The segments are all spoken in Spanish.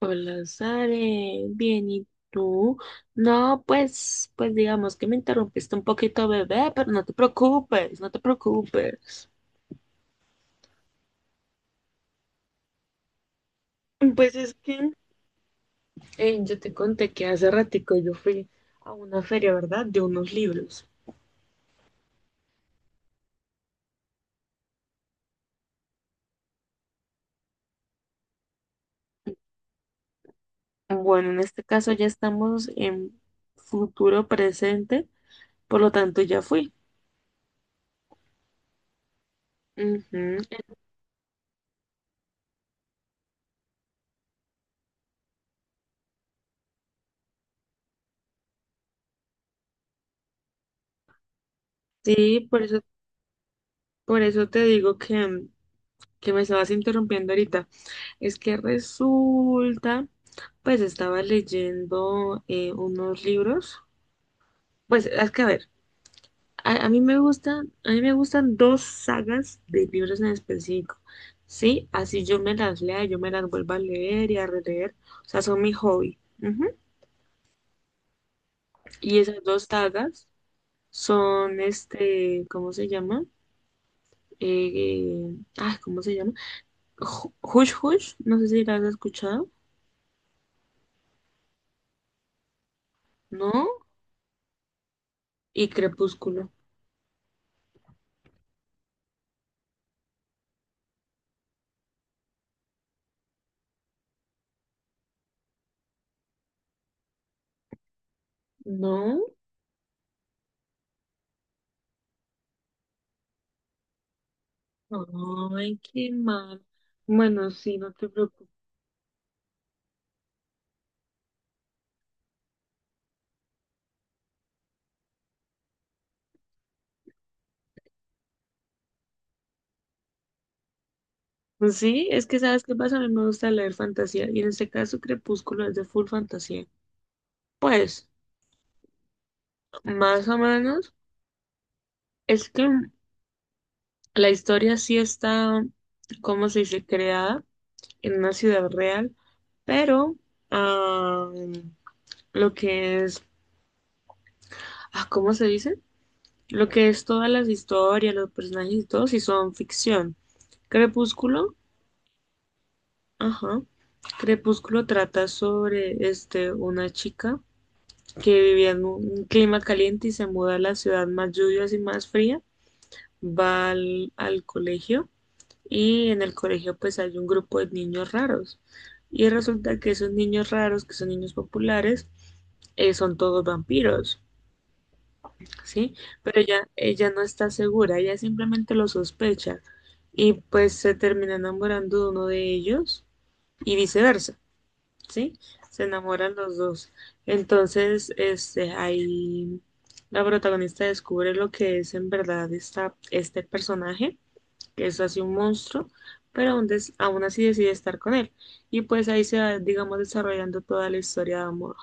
Hola, Sare, bien, ¿y tú? No, pues digamos que me interrumpiste un poquito, bebé, pero no te preocupes, no te preocupes. Pues es que yo te conté que hace ratico yo fui a una feria, ¿verdad? De unos libros. Bueno, en este caso ya estamos en futuro presente, por lo tanto ya fui. Ujú. Sí, por eso te digo que me estabas interrumpiendo ahorita. Es que resulta. Pues estaba leyendo unos libros. Pues es que a ver, a mí me gustan, a mí me gustan dos sagas de libros en específico. Sí, así yo me las lea, yo me las vuelvo a leer y a releer. O sea, son mi hobby. Ujú. Y esas dos sagas son este, ¿cómo se llama? Eh, ¿Cómo se llama? Hush Hush, no sé si las has escuchado, ¿no? Y Crepúsculo, ¿no? Ay, qué mal. Bueno, sí, no te preocupes. Sí, es que sabes qué pasa, a mí me gusta leer fantasía y en este caso Crepúsculo es de full fantasía. Pues, más o menos, es que la historia sí está, ¿cómo se dice?, creada en una ciudad real, pero ah, lo que es, ah, ¿cómo se dice? Lo que es todas las historias, los personajes y todo, sí son ficción. Crepúsculo, ajá. Crepúsculo trata sobre este, una chica que vivía en un clima caliente y se muda a la ciudad más lluviosa y más fría. Va al colegio y en el colegio pues hay un grupo de niños raros. Y resulta que esos niños raros, que son niños populares, son todos vampiros, ¿sí? Pero ella no está segura, ella simplemente lo sospecha y pues se termina enamorando de uno de ellos y viceversa. ¿Sí? Se enamoran los dos. Entonces, este, ahí la protagonista descubre lo que es en verdad esta, este personaje, que es así un monstruo, pero aún así decide estar con él. Y pues ahí se va, digamos, desarrollando toda la historia de amor.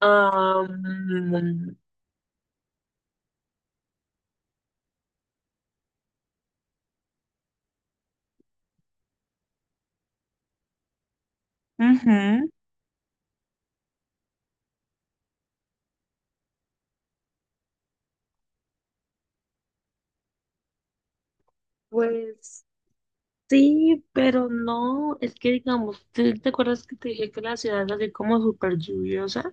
Am, ujú. Pues sí, pero no, es que digamos, ¿te, te acuerdas que te dije que la ciudad es así como súper lluviosa?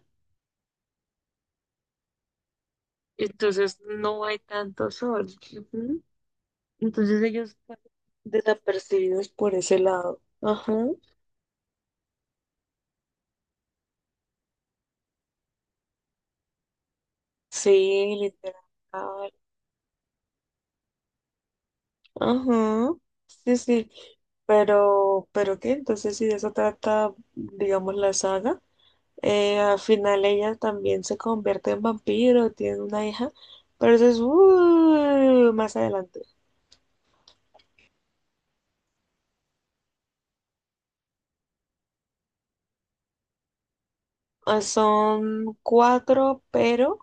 Entonces no hay tanto sol. Ujú. Entonces ellos pasan desapercibidos por ese lado. Ajá. Sí, literal. Ajá. Sí, sí. ¿Pero qué? Entonces, si de eso trata, digamos, la saga, al final ella también se convierte en vampiro, tiene una hija, pero eso es más adelante. Ah, son cuatro, pero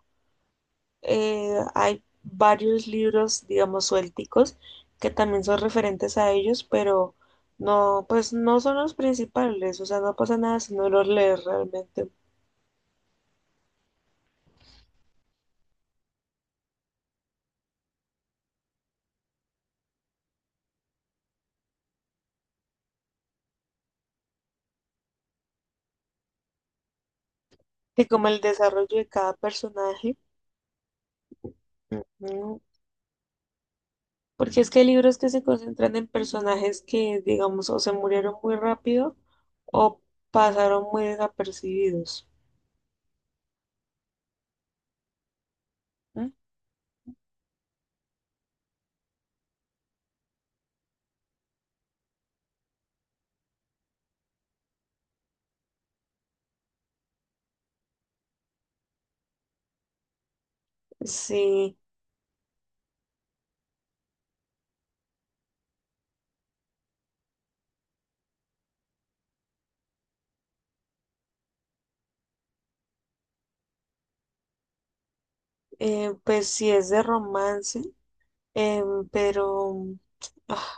hay varios libros, digamos, suélticos que también son referentes a ellos, pero no, pues no son los principales, o sea, no pasa nada si no los lees realmente. Y como el desarrollo de cada personaje, ujú, porque es que hay libros que se concentran en personajes que, digamos, o se murieron muy rápido o pasaron muy desapercibidos. ¿Mm? Sí, pues sí es de romance, pero... ah,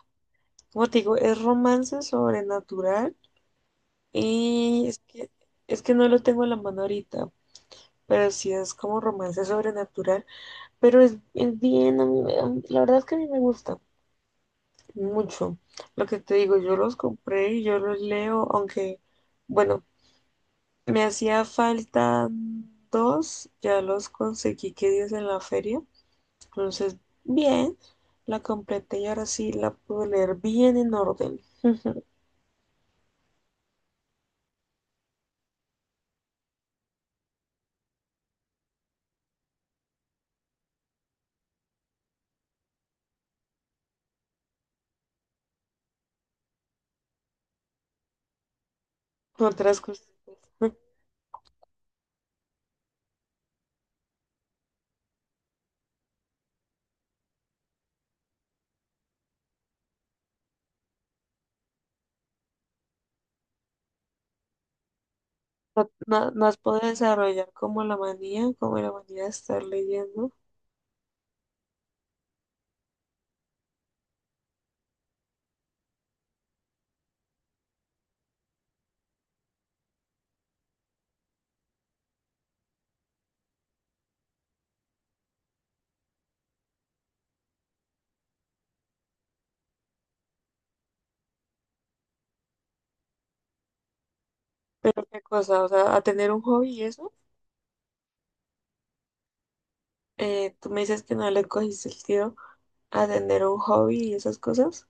como te digo, es romance sobrenatural y es es que no lo tengo en la mano ahorita, pero sí es como romance sobrenatural, pero es bien, a mí me- a mí- la verdad es que a mí me gusta mucho. Lo que te digo, yo los compré y yo los leo, aunque, bueno, me hacía falta dos, ya los conseguí que días en la feria, entonces, bien, la completé y ahora sí la puedo leer bien en orden. Otras cositas. No, no, no has podido desarrollar como la manía de estar leyendo. Pero qué cosa, o sea, a tener un hobby y eso, tú me dices que no le cogiste el tiro a tener un hobby y esas cosas.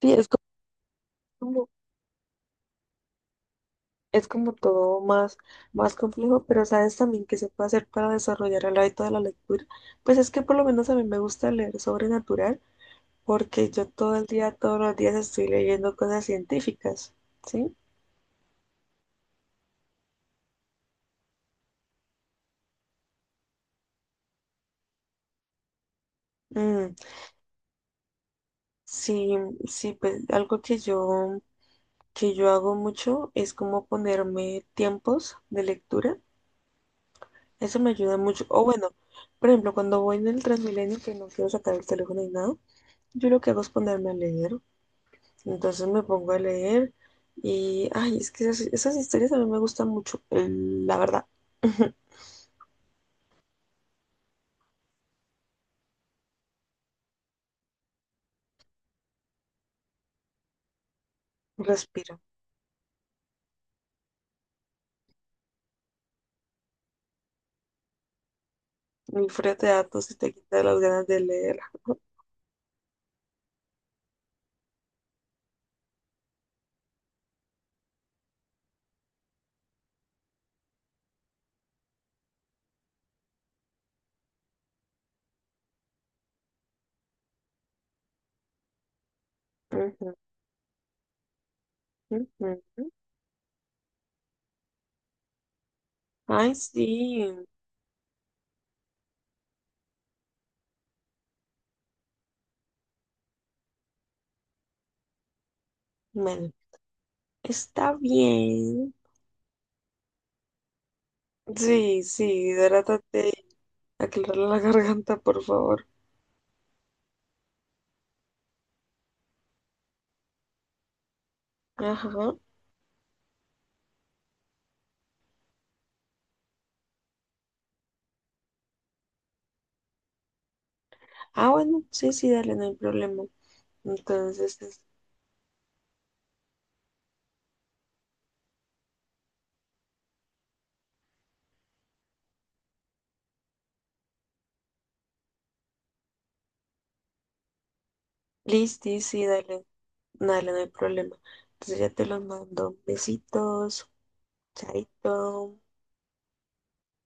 Sí, como, es como todo más, más complejo, pero sabes también que se puede hacer para desarrollar el hábito de la lectura. Pues es que por lo menos a mí me gusta leer sobrenatural, porque yo todo el día, todos los días estoy leyendo cosas científicas, ¿sí? Mm, sí, sí, pues algo que que yo hago mucho es como ponerme tiempos de lectura. Eso me ayuda mucho. O bueno, por ejemplo, cuando voy en el Transmilenio que no quiero sacar el teléfono ni nada, yo lo que hago es ponerme a leer. Entonces me pongo a leer y, ay, es que esas, esas historias a mí me gustan mucho, la verdad. Respiro. El frío te da tos y te quita las ganas de leer. Ujú, ujú. Ay, sí. Bueno, está bien. Sí, sí, hidrátate de aclarar la garganta, por favor. Ajá. Ah, bueno, sí, sí, dale, no hay problema. Entonces, es- listi, sí, dale, dale, no hay problema. Entonces ya te los mando. Besitos, chaito.